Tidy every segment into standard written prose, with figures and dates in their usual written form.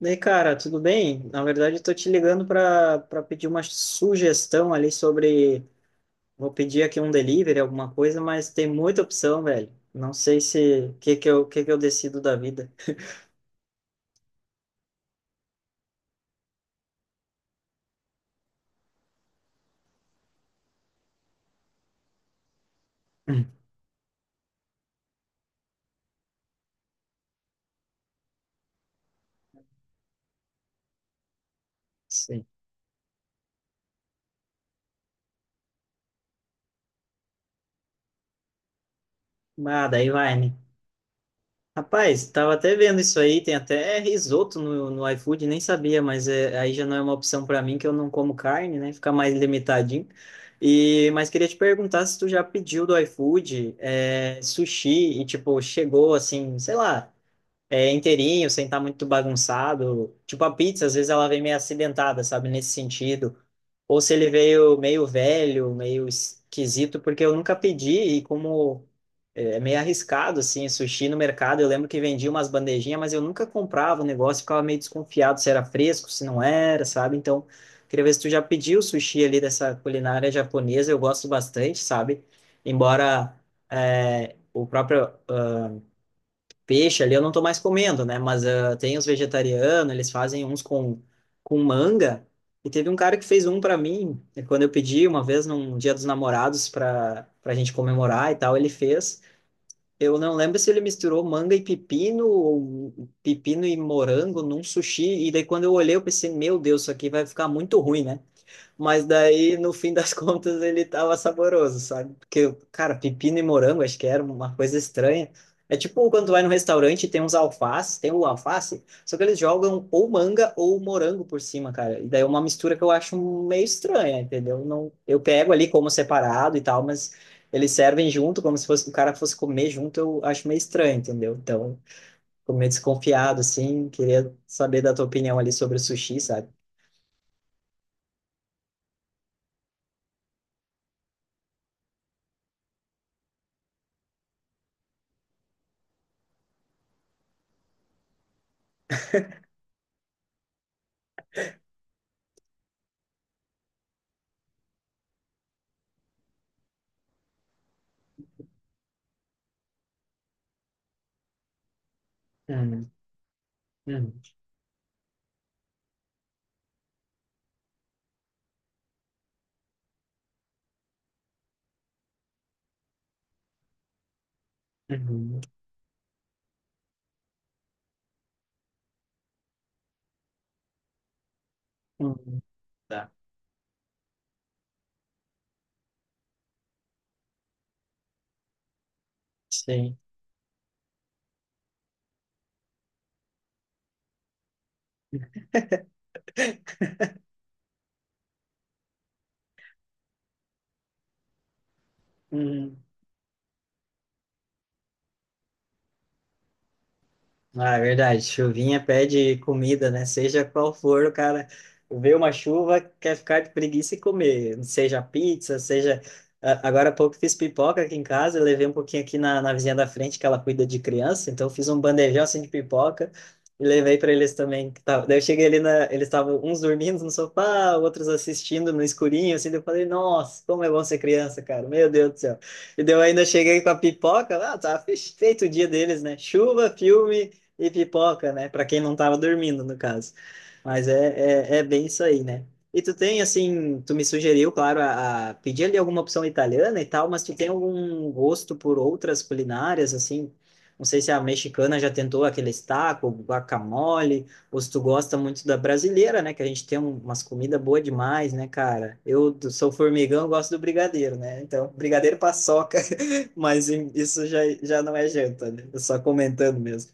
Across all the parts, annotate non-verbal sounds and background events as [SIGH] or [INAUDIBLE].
E aí, cara, tudo bem? Na verdade, estou te ligando para pedir uma sugestão ali sobre. Vou pedir aqui um delivery, alguma coisa, mas tem muita opção, velho. Não sei se que que eu decido da vida. Sim. Ah, daí vai, né? Rapaz, tava até vendo isso aí, tem até risoto no iFood, nem sabia, mas é, aí já não é uma opção para mim, que eu não como carne, né? Fica mais limitadinho. E, mas queria te perguntar se tu já pediu do iFood, sushi e, tipo, chegou assim, sei lá. É inteirinho, sem estar muito bagunçado. Tipo, a pizza, às vezes ela vem meio acidentada, sabe? Nesse sentido. Ou se ele veio meio velho, meio esquisito, porque eu nunca pedi e como é meio arriscado, assim, sushi no mercado. Eu lembro que vendia umas bandejinhas, mas eu nunca comprava o negócio, ficava meio desconfiado se era fresco, se não era, sabe? Então, queria ver se tu já pediu sushi ali dessa culinária japonesa. Eu gosto bastante, sabe? Embora o próprio peixe ali eu não tô mais comendo, né? Mas ah, tem os vegetarianos, eles fazem uns com manga. E teve um cara que fez um para mim, e quando eu pedi uma vez num Dia dos Namorados para para gente comemorar e tal, ele fez. Eu não lembro se ele misturou manga e pepino ou pepino e morango num sushi. E daí quando eu olhei, eu pensei, meu Deus, isso aqui vai ficar muito ruim, né? Mas daí, no fim das [LAUGHS] contas, ele tava saboroso, sabe? Porque, cara, pepino e morango, acho que era uma coisa estranha. É tipo quando tu vai no restaurante e tem uns alfaces, tem o alface, só que eles jogam ou manga ou morango por cima, cara. E daí é uma mistura que eu acho meio estranha, entendeu? Não, eu pego ali como separado e tal, mas eles servem junto, como se fosse, o cara fosse comer junto, eu acho meio estranho, entendeu? Então, fico meio desconfiado, assim. Queria saber da tua opinião ali sobre o sushi, sabe? Hum, hum, uhum. Uhum. Tá. Sim. Uhum. Ah, é verdade. Chuvinha pede comida, né? Seja qual for, o cara vê uma chuva, quer ficar de preguiça e comer. Seja pizza, seja. Agora há pouco fiz pipoca aqui em casa, eu levei um pouquinho aqui na vizinha da frente, que ela cuida de criança, então eu fiz um bandejão assim de pipoca e levei para eles também. Daí eu cheguei ali, na... eles estavam uns dormindo no sofá, outros assistindo no escurinho, assim, daí eu falei, nossa, como é bom ser criança, cara, meu Deus do céu. E daí eu ainda cheguei com a pipoca, ah, tá feito o dia deles, né? Chuva, filme e pipoca, né? Para quem não tava dormindo, no caso. Mas é bem isso aí, né? E tu tem, assim, tu me sugeriu, claro, a pedir ali alguma opção italiana e tal, mas tu tem algum gosto por outras culinárias, assim? Não sei se a mexicana já tentou aquele taco, guacamole, ou se tu gosta muito da brasileira, né? Que a gente tem umas comidas boas demais, né, cara? Eu sou formigão, eu gosto do brigadeiro, né? Então, brigadeiro paçoca, [LAUGHS] mas isso já não é janta, né? Eu só comentando mesmo.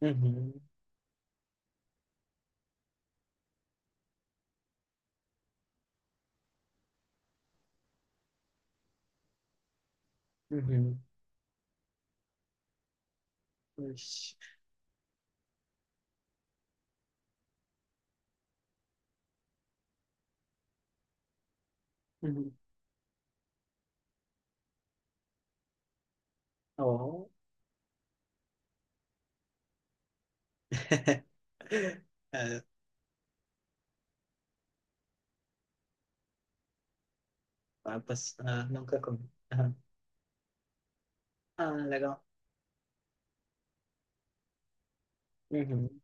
Uhum, uhum. Ixi, uhum. Oh. [LAUGHS] É, vai passar. Ah, nunca comi. Aham. Ah, legal. Uhum,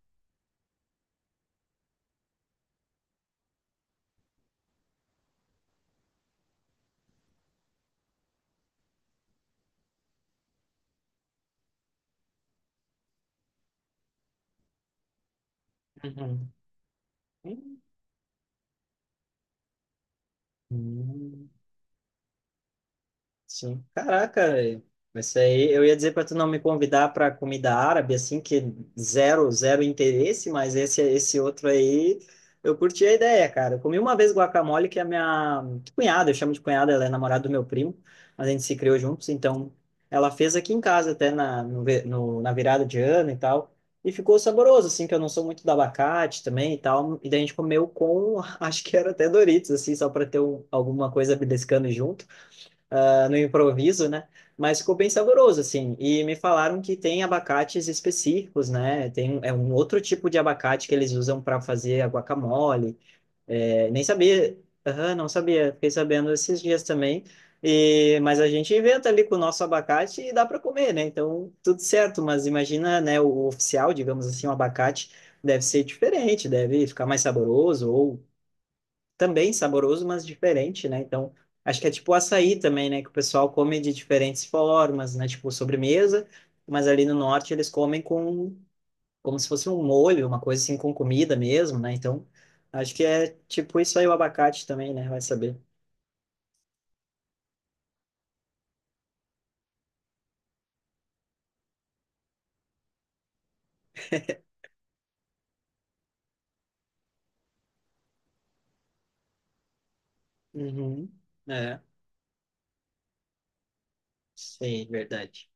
uhum. Hum, hum. Sim. Caraca, velho. Isso aí eu ia dizer para tu não me convidar para comida árabe, assim, que zero interesse, mas esse outro aí eu curti a ideia, cara. Eu comi uma vez guacamole que é a minha cunhada, eu chamo de cunhada, ela é namorada do meu primo, mas a gente se criou juntos, então ela fez aqui em casa até na, no, ve- no- na virada de ano e tal. E ficou saboroso, assim, que eu não sou muito do abacate também e tal. E daí a gente comeu com, [LAUGHS] acho que era até Doritos, assim, só para ter alguma coisa beliscando junto ah, no improviso, né? Mas ficou bem saboroso, assim. E me falaram que tem abacates específicos, né? É um outro tipo de abacate que eles usam para fazer a guacamole. É, nem sabia. Aham, não sabia, fiquei sabendo esses dias também. E, mas a gente inventa ali com o nosso abacate e dá para comer, né? Então, tudo certo. Mas imagina, né, o oficial, digamos assim, o abacate deve ser diferente, deve ficar mais saboroso ou também saboroso, mas diferente, né? Então, acho que é tipo o açaí também, né? Que o pessoal come de diferentes formas, né? Tipo sobremesa, mas ali no norte eles comem com como se fosse um molho, uma coisa assim com comida mesmo, né? Então, acho que é tipo isso aí o abacate também, né? Vai saber. Uhum. É, sei, verdade.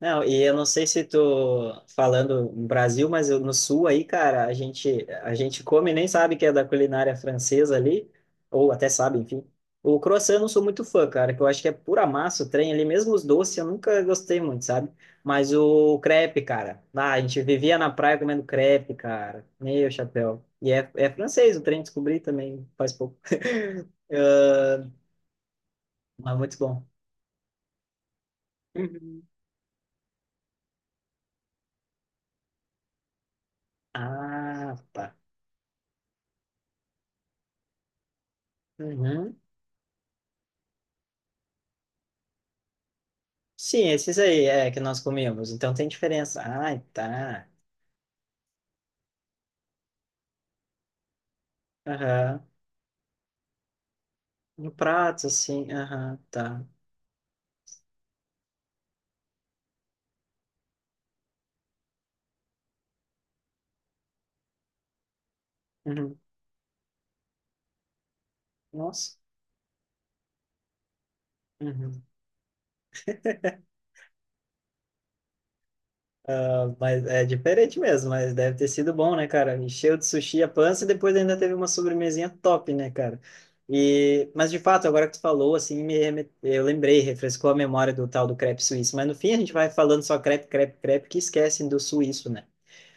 Não, e eu não sei se tô falando no Brasil, mas no sul aí, cara, a gente come e nem sabe que é da culinária francesa ali, ou até sabe, enfim. O croissant eu não sou muito fã, cara, que eu acho que é pura massa o trem ali, mesmo os doces eu nunca gostei muito, sabe? Mas o crepe, cara, ah, a gente vivia na praia comendo crepe, cara, meu chapéu. É francês o trem, descobri também faz pouco. [LAUGHS] Ah, mas muito bom. Uhum. Ah, pá. Uhum. Sim, esses aí é que nós comíamos. Então tem diferença. Ai, tá. Aham. No prato, sim. Aham, tá. Uhum. Nossa. Uhum. Ah, mas é diferente mesmo, mas deve ter sido bom, né, cara? Encheu de sushi a pança e depois ainda teve uma sobremesinha top, né, cara? E, mas de fato, agora que tu falou, assim, eu lembrei, refrescou a memória do tal do crepe suíço. Mas no fim a gente vai falando só crepe, que esquecem do suíço, né?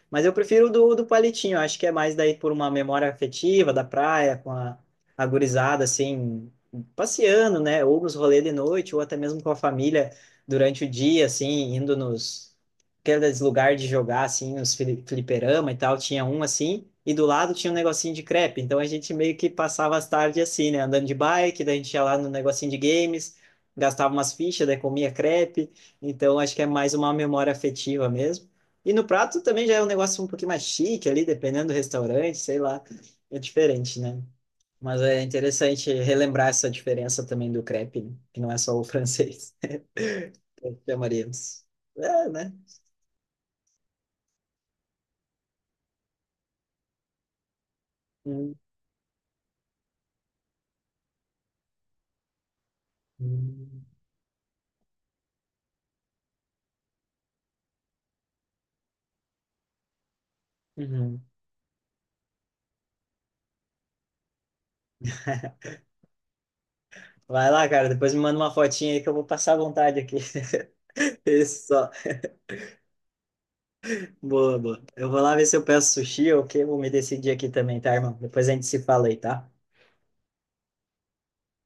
Mas eu prefiro o do palitinho, acho que é mais daí por uma memória afetiva da praia, com a gurizada, assim, passeando, né? Ou nos rolês de noite, ou até mesmo com a família durante o dia, assim, indo nos aqueles lugares de jogar, assim, nos fliperama e tal. Tinha um assim, e do lado tinha um negocinho de crepe. Então a gente meio que passava as tardes assim, né? Andando de bike, daí a gente ia lá no negocinho de games, gastava umas fichas, daí comia crepe. Então acho que é mais uma memória afetiva mesmo. E no prato também já é um negócio um pouquinho mais chique ali, dependendo do restaurante, sei lá. É diferente, né? Mas é interessante relembrar essa diferença também do crepe, né? que não é só o francês. [LAUGHS] Chamaríamos. É, né? Hum, hum, uhum. Vai lá, cara, depois me manda uma fotinha aí que eu vou passar à vontade aqui. [LAUGHS] Isso só. Boa, boa. Eu vou lá ver se eu peço sushi ou o quê, vou me decidir aqui também, tá, irmão? Depois a gente se fala aí, tá?